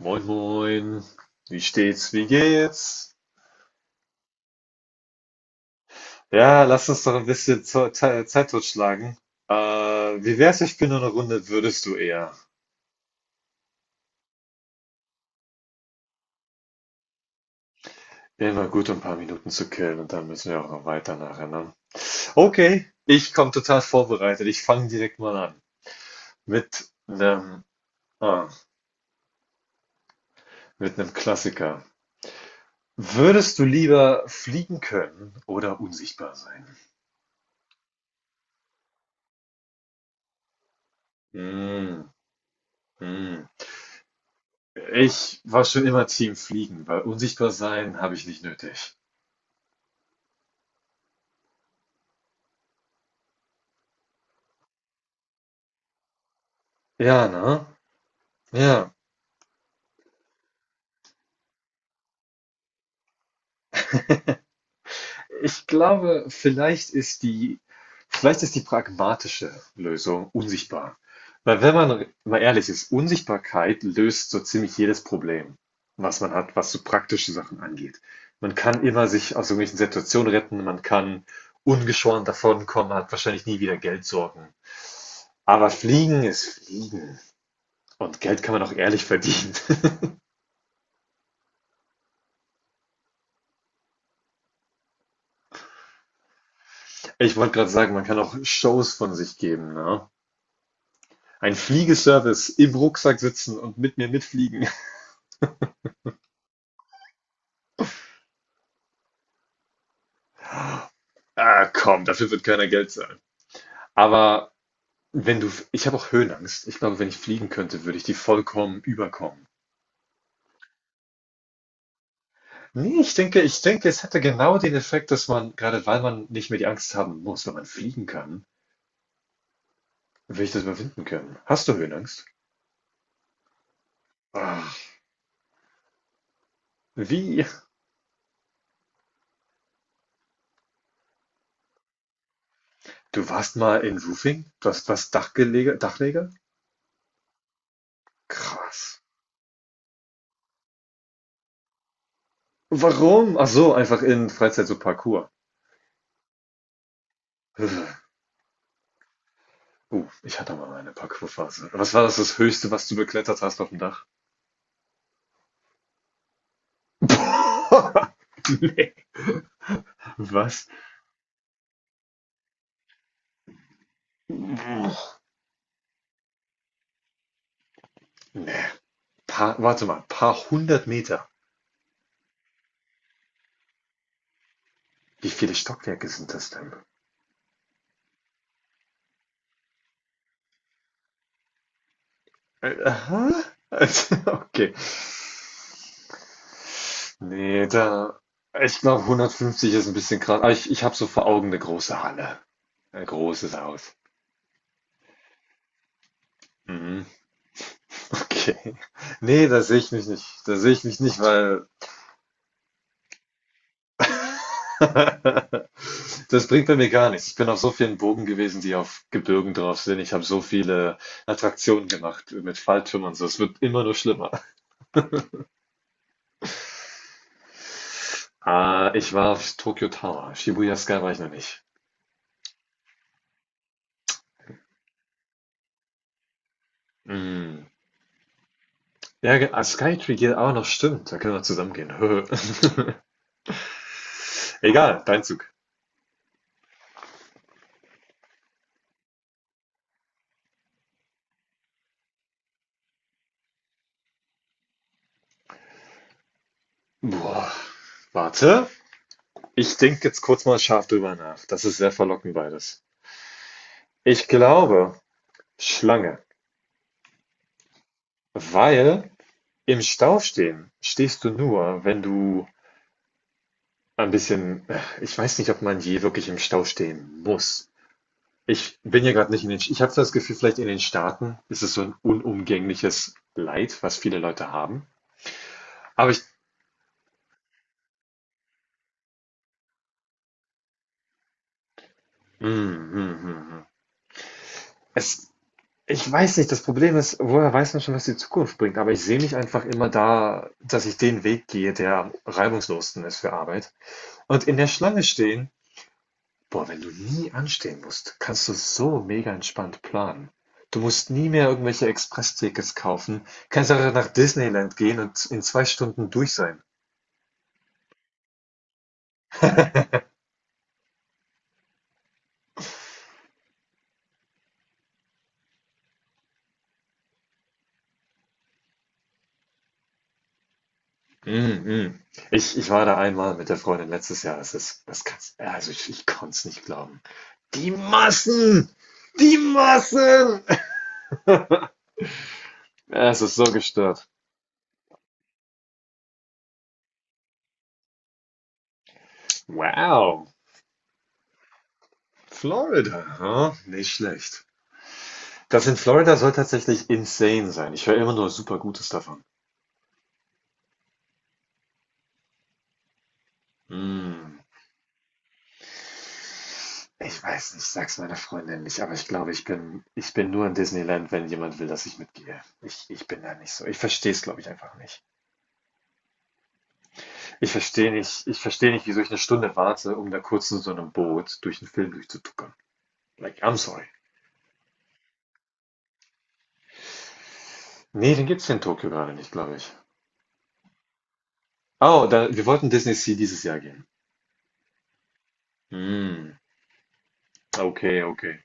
Moin, moin. Wie steht's? Wie geht's? Ja, lass uns doch ein bisschen Zeit totschlagen. Äh, Wie wär's, ich bin nur eine Runde, würdest du eher? Immer gut, um ein paar Minuten zu killen und dann müssen wir auch noch weiter nachher, ne? Okay, ich komme total vorbereitet. Ich fange direkt mal an. Mit einem, ah, mit einem Klassiker. Würdest du lieber fliegen können oder unsichtbar sein? Mm, mm. Ich war schon immer Team Fliegen, weil unsichtbar sein habe ich nicht nötig. Ja, ne? Ja. Ich glaube, vielleicht ist die pragmatische Lösung unsichtbar. Weil wenn man mal ehrlich ist, Unsichtbarkeit löst so ziemlich jedes Problem, was man hat, was so praktische Sachen angeht. Man kann immer sich aus irgendwelchen Situationen retten, man kann ungeschoren davonkommen, man hat wahrscheinlich nie wieder Geldsorgen. Aber Fliegen ist Fliegen. Und Geld kann man auch ehrlich verdienen. Ich wollte gerade sagen, man kann auch Shows von sich geben, ne? Ein Fliegeservice im Rucksack sitzen und mit mir mitfliegen. Ah, komm, dafür wird keiner Geld zahlen. Aber wenn du, ich habe auch Höhenangst. Ich glaube, wenn ich fliegen könnte, würde ich die vollkommen überkommen. Nee, ich denke, es hätte genau den Effekt, dass man, gerade weil man nicht mehr die Angst haben muss, wenn man fliegen kann, will ich das überwinden können. Hast du Höhenangst? Ach, wie? Du warst mal in Roofing? Du hast was Dachgelege, Dachleger? Krass. Warum? Ach so, einfach in Freizeit so Parkour. Ich hatte mal meine Parkour-Phase. Was war das, das Höchste, was du beklettert hast auf dem Dach? Nee. Was? Nee. Paar, warte mal, paar hundert Meter. Wie viele Stockwerke sind das denn? Aha. Also, okay. Nee, da. Ich glaube, 150 ist ein bisschen krass. Aber ich habe so vor Augen eine große Halle. Ein großes Haus. Mhm. Okay. Nee, da sehe ich mich nicht. Da sehe ich mich nicht, weil das bringt bei mir gar nichts. Ich bin auf so vielen Burgen gewesen, die auf Gebirgen drauf sind. Ich habe so viele Attraktionen gemacht mit Falltürmen und so. Es wird immer nur schlimmer. Ah, ich war auf Tokyo Tower. Shibuya Sky war ich noch nicht. Mm. Ja, Skytree geht auch noch, stimmt. Da können wir zusammen gehen. Egal, dein Zug. Boah, warte. Ich denke jetzt kurz mal scharf drüber nach. Das ist sehr verlockend beides. Ich glaube, Schlange. Weil im Stau stehen stehst du nur, wenn du ein bisschen ich weiß nicht, ob man je wirklich im Stau stehen muss. Ich bin ja gerade nicht in den, ich habe so das Gefühl, vielleicht in den Staaten ist es so ein unumgängliches Leid, was viele Leute haben. Aber ich mhm, mhm, mhm, mhm. Es ich weiß nicht, das Problem ist, woher weiß man schon, was die Zukunft bringt? Aber ich sehe mich einfach immer da, dass ich den Weg gehe, der am reibungslosesten ist für Arbeit. Und in der Schlange stehen boah, wenn du nie anstehen musst, kannst du so mega entspannt planen. Du musst nie mehr irgendwelche Expresstickets kaufen, kannst einfach nach Disneyland gehen und in 2 Stunden durch sein. Mm, mm. Ich war da einmal mit der Freundin letztes Jahr. Es ist, das kannst, also ich konnte es nicht glauben. Die Massen! Die Massen! Ja, es ist so gestört. Wow, Florida, huh? Nicht schlecht. Das in Florida soll tatsächlich insane sein. Ich höre immer nur super Gutes davon. Mm. Ich weiß nicht, sag's meiner Freundin nicht, aber ich glaube, ich bin nur in Disneyland, wenn jemand will, dass ich mitgehe. Ich bin da nicht so. Ich verstehe es, glaube ich, einfach nicht. Ich verstehe nicht, ich verstehe nicht, wieso ich eine Stunde warte, um da kurz in so einem Boot durch den Film durchzutuckern. Like, I'm sorry. Nee, den gibt's hier in Tokio gerade nicht, glaube ich. Oh, da, wir wollten Disney Sea dieses Jahr gehen. Hm, okay, okay.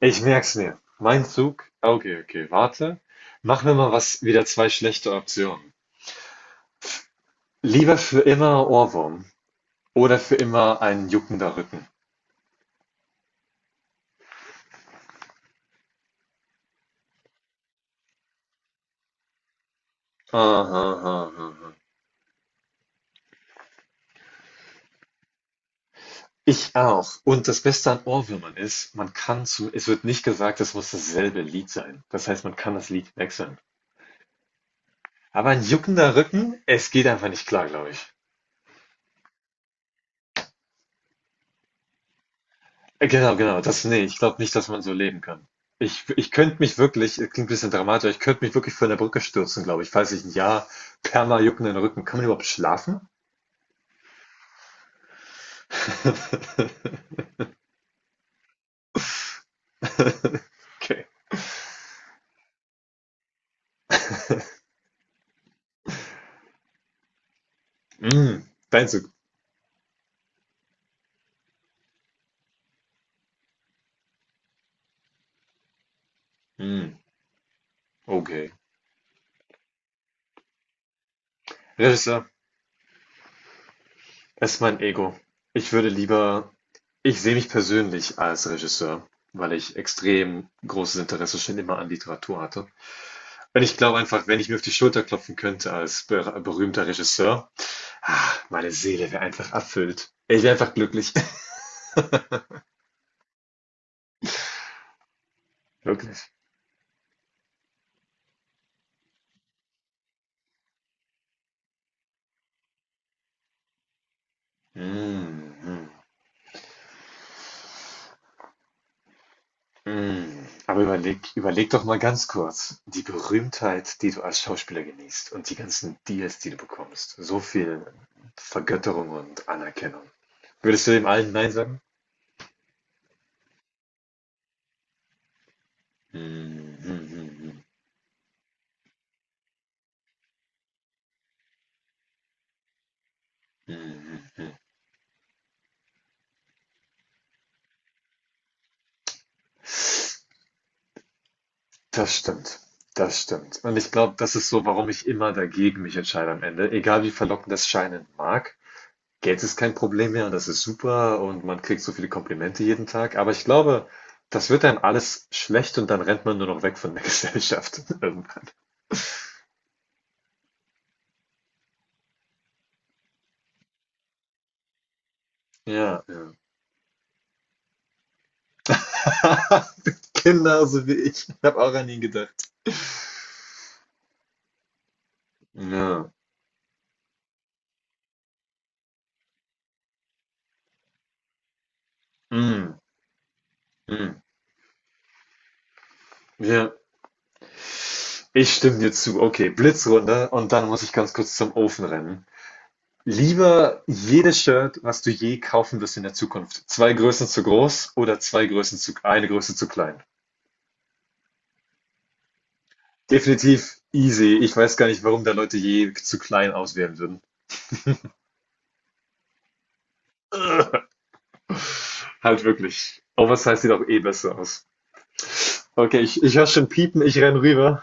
Ich merk's mir. Mein Zug. Okay, okay, warte. Machen wir mal was, wieder zwei schlechte Optionen. Lieber für immer Ohrwurm oder für immer ein juckender Rücken. Aha, aha, aha. Ich auch. Und das Beste an Ohrwürmern ist, man kann zum, es wird nicht gesagt, es muss dasselbe Lied sein. Das heißt, man kann das Lied wechseln. Aber ein juckender Rücken, es geht einfach nicht klar, glaube ich. Genau, genau, das, nee, ich glaube nicht, dass man so leben kann. Ich könnte mich wirklich, es klingt ein bisschen dramatisch, aber ich könnte mich wirklich von der Brücke stürzen, glaube ich, falls ich ein Jahr perma juckenden Rücken. Kann man überhaupt schlafen? Okay. Mm, dein Zug. Mm, okay. Regisseur ist mein Ego. Ich würde lieber ich sehe mich persönlich als Regisseur, weil ich extrem großes Interesse schon immer an Literatur hatte. Und ich glaube einfach, wenn ich mir auf die Schulter klopfen könnte als berühmter Regisseur, ah, meine Seele wäre einfach erfüllt. Ich wäre einfach glücklich. Wirklich. Mhm. Mhm. Aber überleg, überleg doch mal ganz kurz, die Berühmtheit, die du als Schauspieler genießt und die ganzen Deals, die du bekommst, so viel Vergötterung und Anerkennung. Würdest du dem allen Nein sagen? Hm, hm, hm, hm, hm, hm. Das stimmt. Das stimmt. Und ich glaube, das ist so, warum ich immer dagegen mich entscheide am Ende. Egal wie verlockend das scheinen mag. Geld ist kein Problem mehr und das ist super und man kriegt so viele Komplimente jeden Tag. Aber ich glaube, das wird einem alles schlecht und dann rennt man nur noch weg von der Gesellschaft irgendwann. Ja, ja. Kinder, so wie ich. Ich habe auch an ihn gedacht. Ja. Mm, mm. Ja. Ich stimme dir zu. Okay, Blitzrunde und dann muss ich ganz kurz zum Ofen rennen. Lieber jedes Shirt, was du je kaufen wirst in der Zukunft. Zwei Größen zu groß oder zwei Größen zu, eine Größe zu klein. Definitiv easy. Ich weiß gar nicht, warum da Leute je zu klein auswählen würden. Halt wirklich. Oversize sieht auch eh besser aus. Okay, ich höre schon piepen, ich renn rüber.